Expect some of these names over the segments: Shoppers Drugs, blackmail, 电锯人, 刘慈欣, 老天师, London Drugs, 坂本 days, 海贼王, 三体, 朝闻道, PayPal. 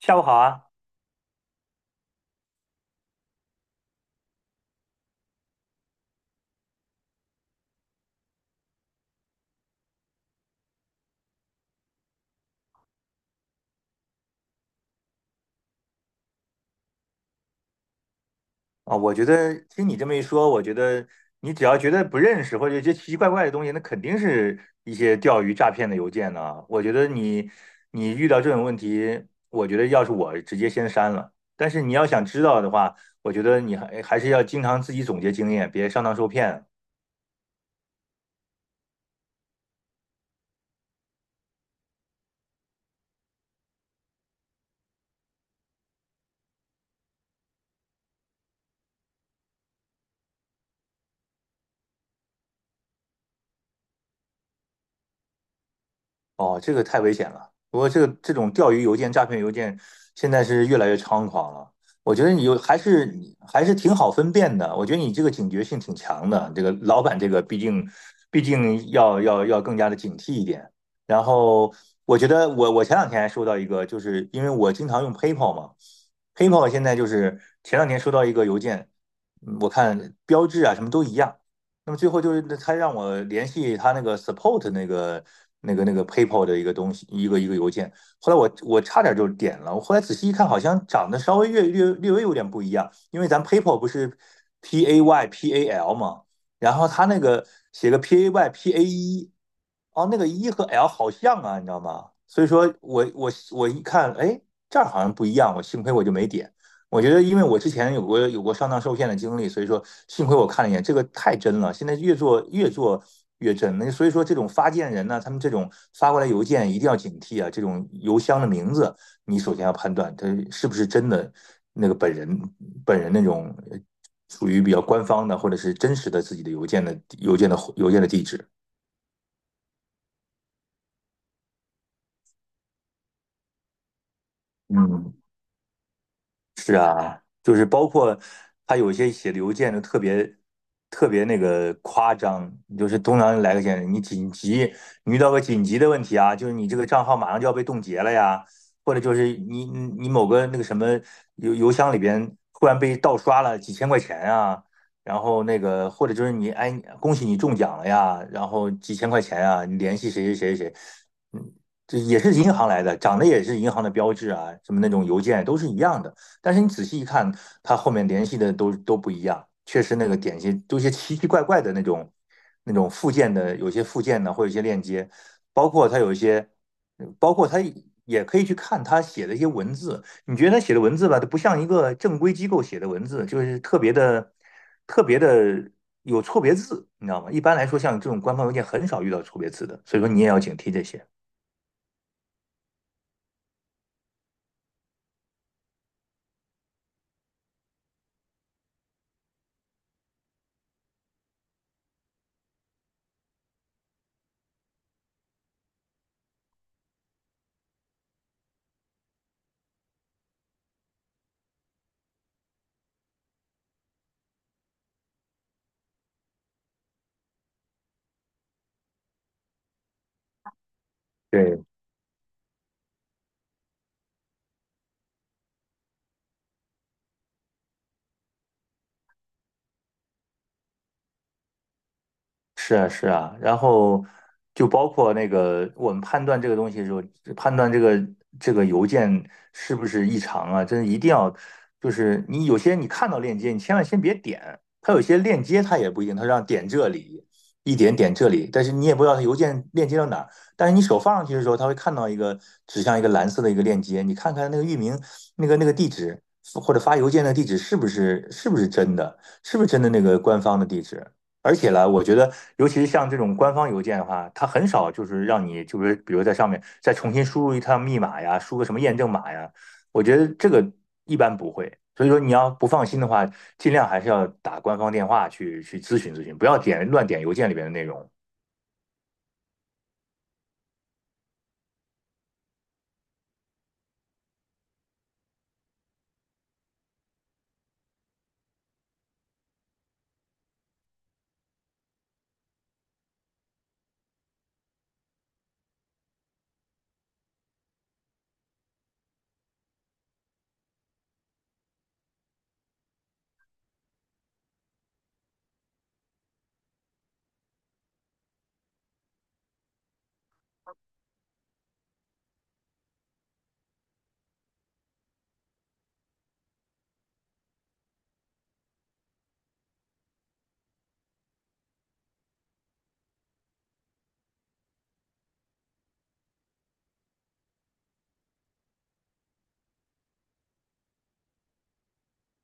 下午好啊！我觉得听你这么一说，我觉得你只要觉得不认识或者一些奇奇怪怪的东西，那肯定是一些钓鱼诈骗的邮件呢、我觉得你遇到这种问题，我觉得要是我直接先删了。但是你要想知道的话，我觉得你还是要经常自己总结经验，别上当受骗。哦，这个太危险了。不过这种钓鱼邮件、诈骗邮件，现在是越来越猖狂了。我觉得你还是挺好分辨的。我觉得你这个警觉性挺强的。这个老板这个毕竟要更加的警惕一点。然后我觉得我前两天还收到一个，就是因为我经常用 PayPal 嘛，PayPal 现在就是前两天收到一个邮件，我看标志啊什么都一样。那么最后就是他让我联系他那个 support 那个 PayPal 的一个东西，一个邮件。后来我差点就点了，我后来仔细一看，好像长得稍微略微有点不一样，因为咱 PayPal 不是 P A Y P A L 嘛，然后他那个写个 P A Y P A 一，哦，那个一和 L 好像啊，你知道吗？所以说我一看，哎，这儿好像不一样，我幸亏我就没点。我觉得，因为我之前有过上当受骗的经历，所以说幸亏我看了一眼，这个太真了。现在越做越真，那所以说这种发件人呢，他们这种发过来邮件一定要警惕啊。这种邮箱的名字，你首先要判断他是不是真的那个本人那种属于比较官方的或者是真实的自己的邮件的地址。嗯。是啊，就是包括他有些写邮件就特别那个夸张，就是通常来个先生，你遇到个紧急的问题啊，就是你这个账号马上就要被冻结了呀，或者就是你某个那个什么邮箱里边忽然被盗刷了几千块钱啊，然后那个或者就是你哎恭喜你中奖了呀，然后几千块钱啊，你联系谁，嗯，这也是银行来的，长得也是银行的标志啊，什么那种邮件都是一样的。但是你仔细一看，他后面联系的都不一样，确实那个点心都一些奇奇怪怪的那种附件的，有些附件呢，或有些链接，包括它有一些，包括它也可以去看他写的一些文字，你觉得他写的文字吧，它不像一个正规机构写的文字，就是特别的特别的有错别字，你知道吗？一般来说，像这种官方邮件很少遇到错别字的，所以说你也要警惕这些。对，是啊，是啊，然后就包括那个我们判断这个东西的时候，判断这个这个邮件是不是异常啊，真的一定要，就是你有些你看到链接，你千万先别点，它有些链接它也不一定，它让点这里，点这里，但是你也不知道它邮件链接到哪儿，但是你手放上去的时候，它会看到一个指向一个蓝色的一个链接，你看看那个域名，那个地址或者发邮件的地址是不是真的，是不是真的那个官方的地址。而且呢，我觉得，尤其是像这种官方邮件的话，它很少就是让你，就是比如在上面再重新输入一趟密码呀，输个什么验证码呀，我觉得这个一般不会。所以说，你要不放心的话，尽量还是要打官方电话去咨询咨询，不要点乱点邮件里边的内容。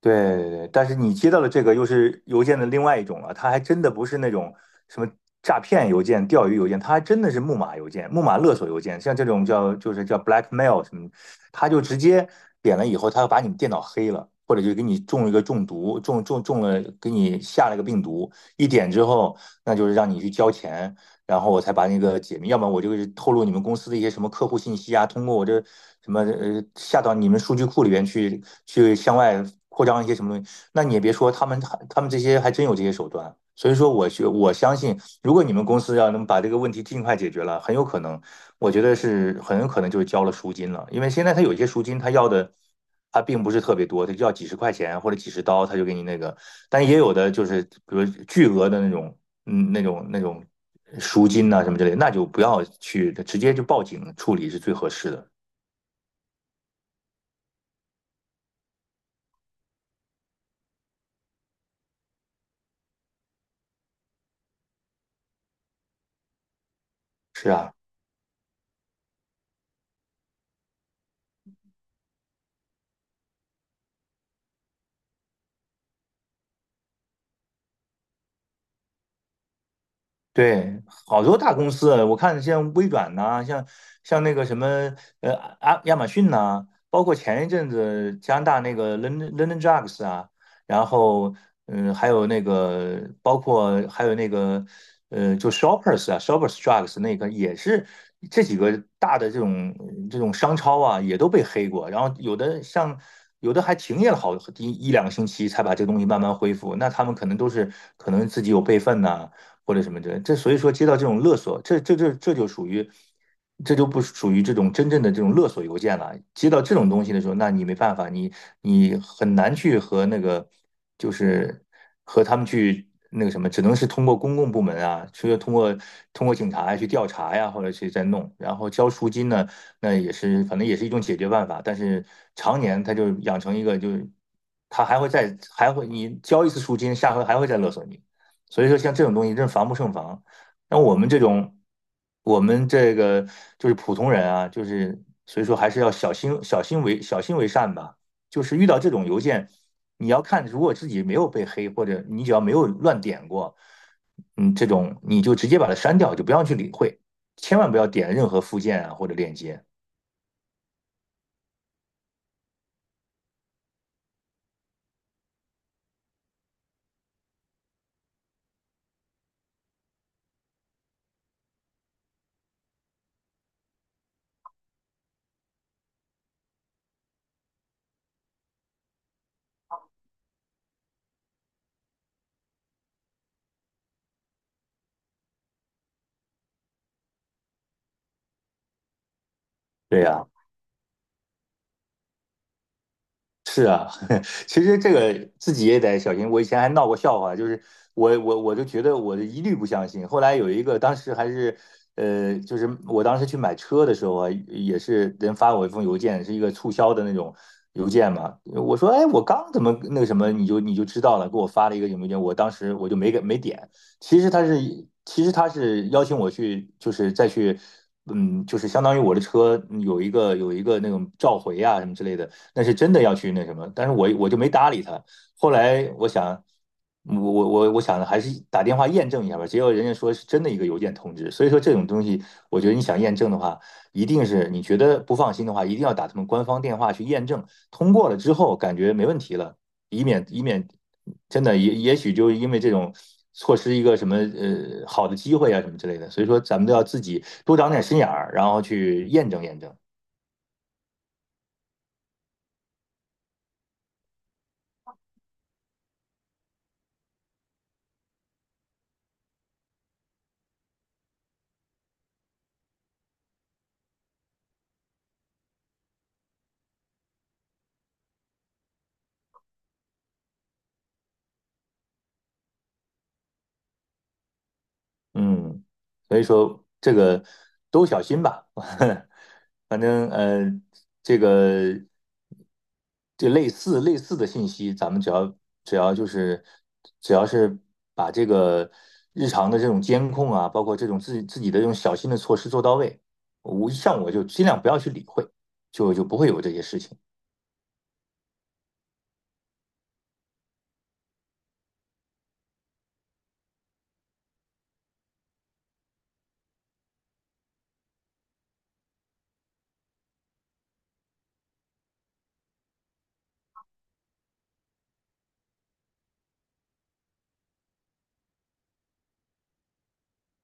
对对对，但是你接到的这个又是邮件的另外一种了，它还真的不是那种什么诈骗邮件、钓鱼邮件，它还真的是木马邮件、木马勒索邮件，像这种叫就是叫 blackmail 什么，它就直接点了以后，它把你电脑黑了，或者就给你中一个中毒，中了，给你下了个病毒，一点之后，那就是让你去交钱，然后我才把那个解密，要不然我就透露你们公司的一些什么客户信息啊，通过我这什么下到你们数据库里边去，去向外扩张一些什么东西。那你也别说，他们这些还真有这些手段。所以说我，我相信，如果你们公司要能把这个问题尽快解决了，很有可能，我觉得是很有可能就是交了赎金了，因为现在他有些赎金他要的。他并不是特别多，他就要几十块钱或者几十刀，他就给你那个。但也有的就是，比如巨额的那种那种赎金呐、什么之类的那就不要去，直接就报警处理是最合适的。是啊，对，好多大公司啊我看像微软呐、像那个什么呃啊亚马逊呐、包括前一阵子加拿大那个 London Drugs 啊，然后嗯，还有那个包括还有那个就 Shoppers 啊，Shoppers Drugs 那个也是这几个大的这种商超啊，也都被黑过，然后有的像。有的还停业了好一两个星期，才把这个东西慢慢恢复。那他们可能都是可能自己有备份呐、或者什么的，这所以说接到这种勒索，这就属于，这就不属于这种真正的这种勒索邮件了。接到这种东西的时候，那你没办法，你你很难去和那个就是和他们去那个什么，只能是通过公共部门啊，除了通过警察去调查呀，或者去再弄，然后交赎金呢，那也是反正也是一种解决办法，但是常年他就养成一个就是。他还会再还会你交一次赎金，下回还会再勒索你。所以说，像这种东西真是防不胜防。那我们这种，我们这个就是普通人啊，就是所以说还是要小心、小心为善吧。就是遇到这种邮件，你要看，如果自己没有被黑，或者你只要没有乱点过，嗯，这种你就直接把它删掉，就不要去理会，千万不要点任何附件啊或者链接。对呀、是啊，其实这个自己也得小心。我以前还闹过笑话，就是我就觉得我一律不相信。后来有一个，当时还是就是我当时去买车的时候啊，也是人发我一封邮件，是一个促销的那种邮件嘛。我说，哎，我刚怎么那个什么，你就知道了，给我发了一个邮件，我当时我就没点。其实他是其实他是邀请我去，就是再去。嗯，就是相当于我的车有一个那种召回啊什么之类的，那是真的要去那什么，但是我就没搭理他。后来我想，我想还是打电话验证一下吧。结果人家说是真的一个邮件通知，所以说这种东西，我觉得你想验证的话，一定是你觉得不放心的话，一定要打他们官方电话去验证。通过了之后，感觉没问题了，以免真的也也许就因为这种。错失一个什么好的机会啊什么之类的，所以说咱们都要自己多长点心眼儿，然后去验证验证。嗯，所以说这个都小心吧，反正这个这类似的信息，咱们只要就是只要是把这个日常的这种监控啊，包括这种自己的这种小心的措施做到位，我像我就尽量不要去理会，就不会有这些事情。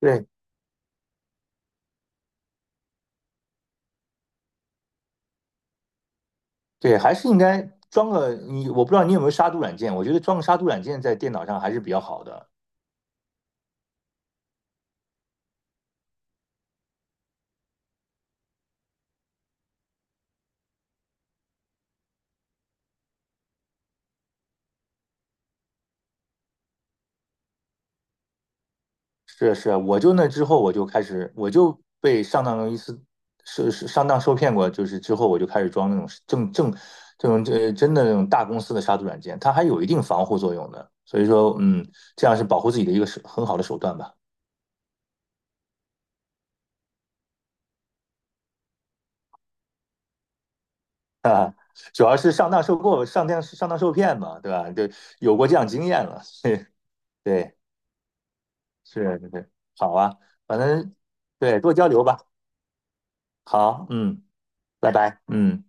对对，还是应该装个你，我不知道你有没有杀毒软件，我觉得装个杀毒软件在电脑上还是比较好的。是是啊，我就那之后我就开始，我就被上当一次，是上当受骗过，就是之后我就开始装那种这种这真的那种大公司的杀毒软件，它还有一定防护作用的，所以说嗯，这样是保护自己的一个很好的手段吧。啊，主要是上当受骗嘛，对吧？就有过这样经验了，对对是对，好啊，反正对多交流吧。好，嗯，拜拜，嗯。